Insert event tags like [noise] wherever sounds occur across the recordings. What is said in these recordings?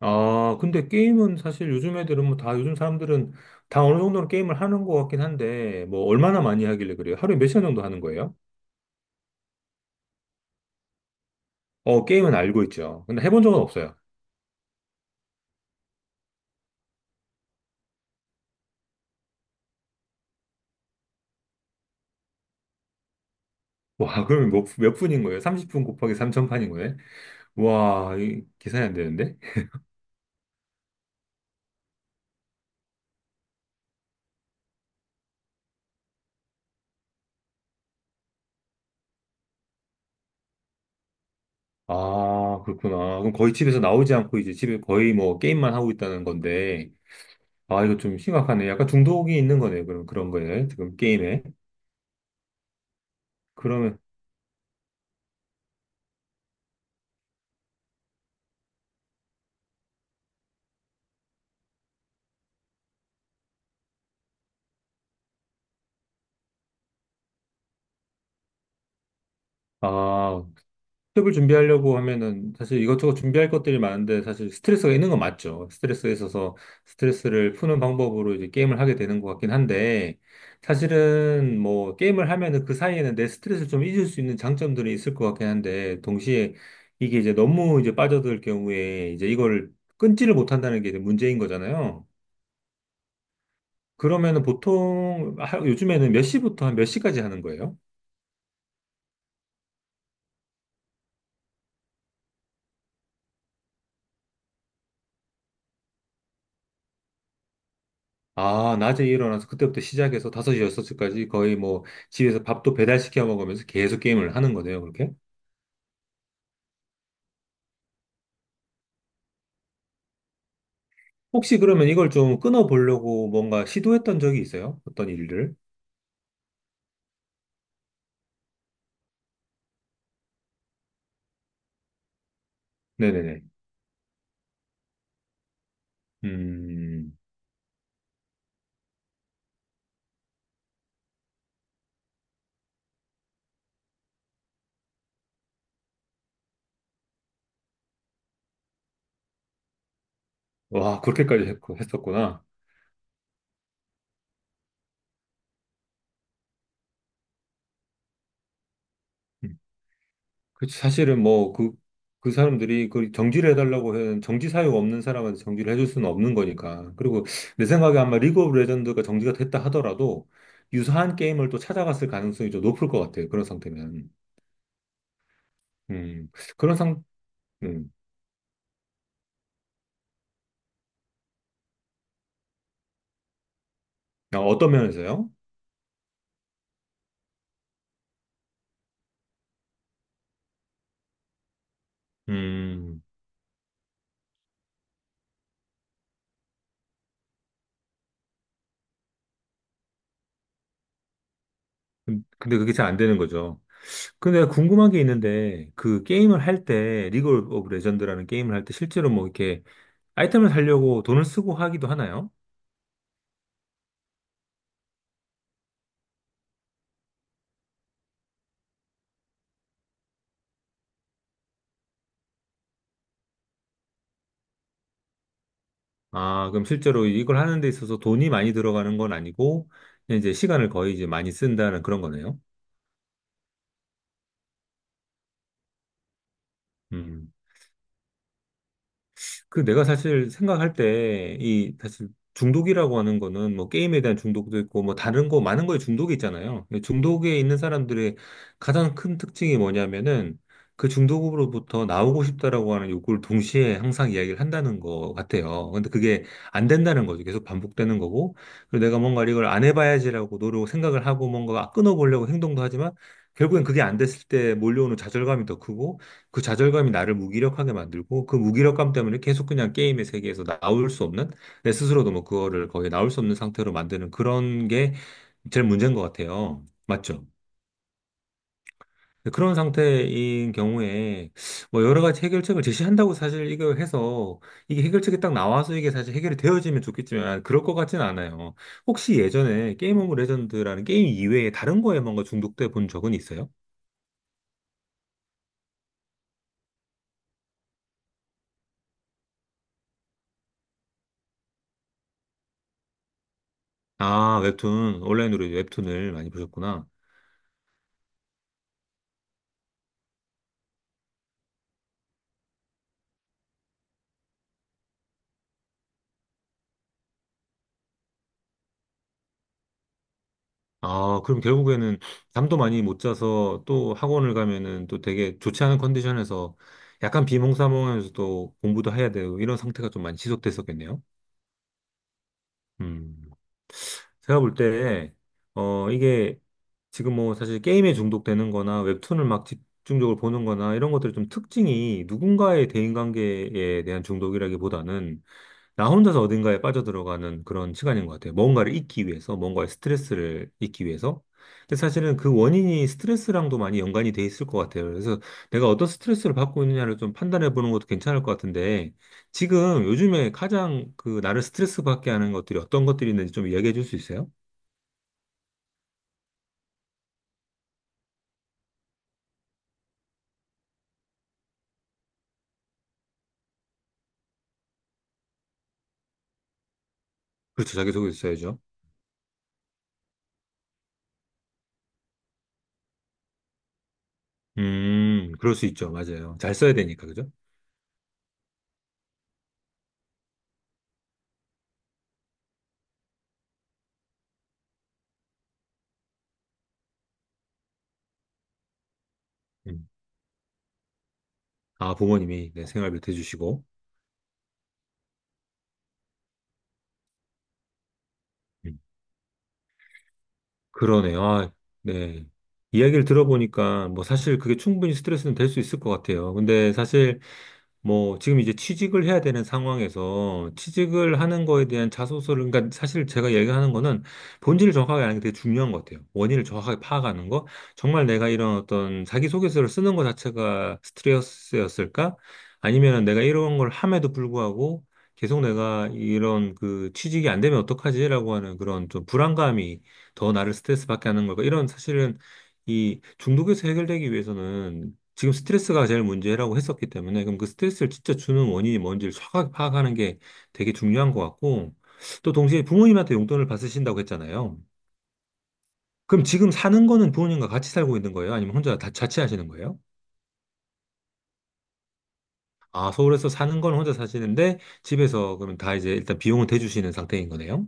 아, 근데 게임은 사실 요즘 사람들은 다 어느 정도는 게임을 하는 것 같긴 한데, 뭐 얼마나 많이 하길래 그래요? 하루에 몇 시간 정도 하는 거예요? 게임은 알고 있죠. 근데 해본 적은 없어요. [laughs] 와, 그러면 몇 분인 거예요? 30분 곱하기 3,000판인 거예요? 와, 이 계산이 안 되는데? 아, 그렇구나. 그럼 거의 집에서 나오지 않고 이제 집에 거의 뭐 게임만 하고 있다는 건데, 아, 이거 좀 심각하네. 약간 중독이 있는 거네요. 그럼 그런 거예요, 지금 게임에. 그러면, 아, 취업을 준비하려고 하면은 사실 이것저것 준비할 것들이 많은데 사실 스트레스가 있는 건 맞죠. 스트레스가 있어서 스트레스를 푸는 방법으로 이제 게임을 하게 되는 것 같긴 한데, 사실은 뭐 게임을 하면은 그 사이에는 내 스트레스를 좀 잊을 수 있는 장점들이 있을 것 같긴 한데, 동시에 이게 이제 너무 이제 빠져들 경우에 이제 이걸 끊지를 못한다는 게 이제 문제인 거잖아요. 그러면은 보통 요즘에는 몇 시부터 한 몇 시까지 하는 거예요? 아, 낮에 일어나서 그때부터 시작해서 5시 여섯시까지 거의 뭐 집에서 밥도 배달시켜 먹으면서 계속 게임을 하는 거네요, 그렇게? 혹시 그러면 이걸 좀 끊어보려고 뭔가 시도했던 적이 있어요? 어떤 일을? 네네네. 음. 와, 했었구나. 음. 그 사실은 뭐 그, 그 사람들이 그 정지를 해달라고 해는 정지 사유가 없는 사람한테 정지를 해줄 수는 없는 거니까. 그리고 내 생각에 아마 리그 오브 레전드가 정지가 됐다 하더라도 유사한 게임을 또 찾아갔을 가능성이 좀 높을 것 같아요, 그런 상태면. 음. 그런 상, 음. 아, 어떤 면에서요? 음. 근데 그게 잘 안 되는 거죠. 근데 내가 궁금한 게 있는데, 그 게임을 할 때, 리그 오브 레전드라는 게임을 할 때 실제로 뭐 이렇게 아이템을 사려고 돈을 쓰고 하기도 하나요? 아, 그럼 실제로 이걸 하는 데 있어서 돈이 많이 들어가는 건 아니고, 그냥 이제 시간을 거의 이제 많이 쓴다는 그런 거네요. 음. 그 내가 사실 생각할 때 이 사실 중독이라고 하는 거는 뭐 게임에 대한 중독도 있고 뭐 다른 거 많은 거에 중독이 있잖아요. 근데 중독에 있는 사람들의 가장 큰 특징이 뭐냐면은 그 중독으로부터 나오고 싶다라고 하는 욕구를 동시에 항상 이야기를 한다는 거 같아요. 근데 그게 안 된다는 거죠. 계속 반복되는 거고. 그리고 내가 뭔가 이걸 안 해봐야지라고 노력 생각을 하고 뭔가 끊어보려고 행동도 하지만 결국엔 그게 안 됐을 때 몰려오는 좌절감이 더 크고, 그 좌절감이 나를 무기력하게 만들고 그 무기력감 때문에 계속 그냥 게임의 세계에서 나올 수 없는, 내 스스로도 뭐 그거를 거의 나올 수 없는 상태로 만드는 그런 게 제일 문제인 것 같아요. 맞죠? 그런 상태인 경우에 뭐 여러 가지 해결책을 제시한다고 사실 이거 해서 이게 해결책이 딱 나와서 이게 사실 해결이 되어지면 좋겠지만, 아, 그럴 것 같진 않아요. 혹시 예전에 게임 오브 레전드라는 게임 이외에 다른 거에 뭔가 중독돼 본 적은 있어요? 아, 웹툰, 온라인으로 웹툰을 많이 보셨구나. 아, 그럼 결국에는 잠도 많이 못 자서 또 학원을 가면은 또 되게 좋지 않은 컨디션에서 약간 비몽사몽하면서도 공부도 해야 되고 이런 상태가 좀 많이 지속됐었겠네요. 음. 제가 볼 때, 이게 지금 뭐 사실 게임에 중독되는 거나 웹툰을 막 집중적으로 보는 거나 이런 것들이 좀 특징이 누군가의 대인관계에 대한 중독이라기보다는 나 혼자서 어딘가에 빠져들어가는 그런 시간인 것 같아요. 뭔가를 잊기 위해서, 뭔가의 스트레스를 잊기 위해서. 근데 사실은 그 원인이 스트레스랑도 많이 연관이 돼 있을 것 같아요. 그래서 내가 어떤 스트레스를 받고 있느냐를 좀 판단해 보는 것도 괜찮을 것 같은데, 지금 요즘에 가장 그 나를 스트레스 받게 하는 것들이 어떤 것들이 있는지 좀 이야기해 줄 수 있어요? 그렇죠, 자기소개 있어야죠. 그럴 수 있죠. 맞아요. 잘 써야 되니까, 그죠? 음. 아, 부모님이 내 생활비 대주시고. 그러네요. 아, 네. 이야기를 들어보니까 뭐 사실 그게 충분히 스트레스는 될 수 있을 것 같아요. 근데 사실 뭐, 지금 이제 취직을 해야 되는 상황에서 취직을 하는 거에 대한 자소서를, 그러니까 사실 제가 얘기하는 거는 본질을 정확하게 아는 게 되게 중요한 것 같아요. 원인을 정확하게 파악하는 거. 정말 내가 이런 어떤 자기소개서를 쓰는 것 자체가 스트레스였을까? 아니면은 내가 이런 걸 함에도 불구하고 계속 내가 이런 그 취직이 안 되면 어떡하지라고 하는 그런 좀 불안감이 더 나를 스트레스 받게 하는 걸까? 이런, 사실은 이 중독에서 해결되기 위해서는 지금 스트레스가 제일 문제라고 했었기 때문에 그럼 그 스트레스를 진짜 주는 원인이 뭔지를 정확하게 파악하는 게 되게 중요한 것 같고, 또 동시에 부모님한테 용돈을 받으신다고 했잖아요. 그럼 지금 사는 거는 부모님과 같이 살고 있는 거예요? 아니면 혼자 다 자취하시는 거예요? 아, 서울에서 사는 건 혼자 사시는데 집에서 그럼 다 이제 일단 비용은 대주시는 상태인 거네요?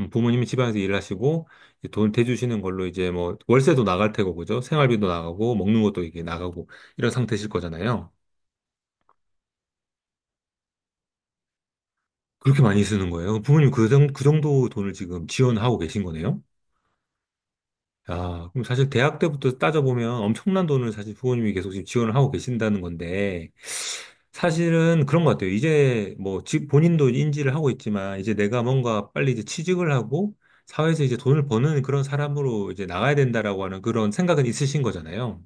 부모님이 집안에서 일하시고 이제 돈을 대주시는 걸로 이제 뭐 월세도 나갈 테고, 그죠? 생활비도 나가고 먹는 것도 이게 나가고 이런 상태실 거잖아요. 그렇게 많이 쓰는 거예요? 부모님 그 정도 돈을 지금 지원하고 계신 거네요? 아, 그럼 사실 대학 때부터 따져보면 엄청난 돈을 사실 부모님이 계속 지금 지원을 하고 계신다는 건데, 사실은 그런 것 같아요. 이제 뭐, 본인도 인지를 하고 있지만, 이제 내가 뭔가 빨리 이제 취직을 하고, 사회에서 이제 돈을 버는 그런 사람으로 이제 나가야 된다라고 하는 그런 생각은 있으신 거잖아요.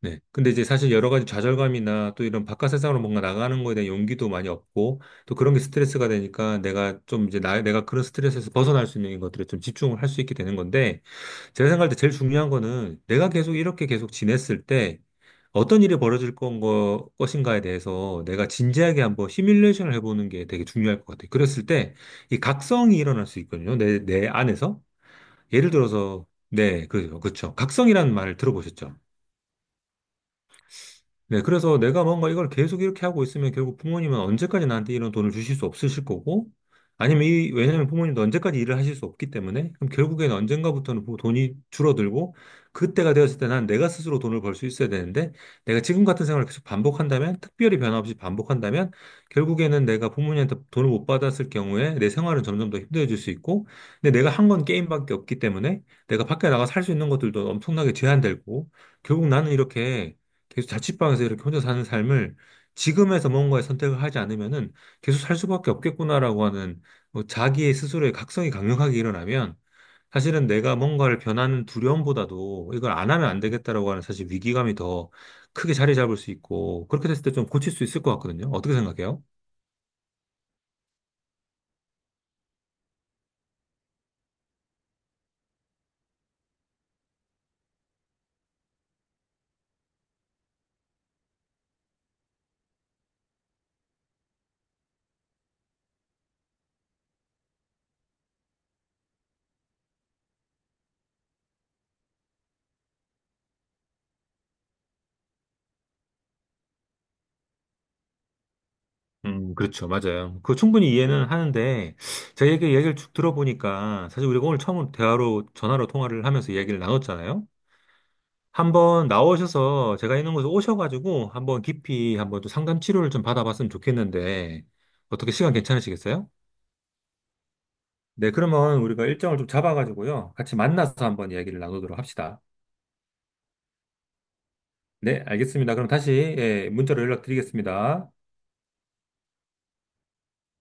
네. 근데 이제 사실 여러 가지 좌절감이나 또 이런 바깥 세상으로 뭔가 나가는 거에 대한 용기도 많이 없고 또 그런 게 스트레스가 되니까 내가 좀 이제 나, 내가 그런 스트레스에서 벗어날 수 있는 것들에 좀 집중을 할 수 있게 되는 건데, 제가 생각할 때 제일 중요한 거는 내가 계속 이렇게 계속 지냈을 때 어떤 일이 벌어질 것인가에 대해서 내가 진지하게 한번 시뮬레이션을 해보는 게 되게 중요할 것 같아요. 그랬을 때 이 각성이 일어날 수 있거든요. 내 안에서. 예를 들어서, 네, 그렇죠, 그렇죠. 각성이라는 말을 들어보셨죠? 네, 그래서 내가 뭔가 이걸 계속 이렇게 하고 있으면 결국 부모님은 언제까지 나한테 이런 돈을 주실 수 없으실 거고, 아니면 이, 왜냐면 부모님도 언제까지 일을 하실 수 없기 때문에, 그럼 결국엔 언젠가부터는 돈이 줄어들고, 그때가 되었을 때 난 내가 스스로 돈을 벌 수 있어야 되는데, 내가 지금 같은 생활을 계속 반복한다면, 특별히 변화 없이 반복한다면, 결국에는 내가 부모님한테 돈을 못 받았을 경우에 내 생활은 점점 더 힘들어질 수 있고, 근데 내가 한 건 게임밖에 없기 때문에, 내가 밖에 나가 살 수 있는 것들도 엄청나게 제한되고, 결국 나는 이렇게 계속 자취방에서 이렇게 혼자 사는 삶을 지금에서 뭔가의 선택을 하지 않으면은 계속 살 수밖에 없겠구나라고 하는, 뭐 자기의 스스로의 각성이 강력하게 일어나면 사실은 내가 뭔가를 변하는 두려움보다도 이걸 안 하면 안 되겠다라고 하는 사실 위기감이 더 크게 자리 잡을 수 있고, 그렇게 됐을 때 좀 고칠 수 있을 것 같거든요. 어떻게 생각해요? 그렇죠. 맞아요. 그거 충분히 이해는 하는데, 제가 얘기를 쭉 들어보니까, 사실 우리가 오늘 처음 대화로, 전화로 통화를 하면서 이야기를 나눴잖아요. 한번 나오셔서 제가 있는 곳에 오셔가지고 한번 깊이 한번 좀 상담 치료를 좀 받아봤으면 좋겠는데 어떻게 시간 괜찮으시겠어요? 네, 그러면 우리가 일정을 좀 잡아가지고요, 같이 만나서 한번 이야기를 나누도록 합시다. 네, 알겠습니다. 그럼 다시, 예, 문자로 연락드리겠습니다.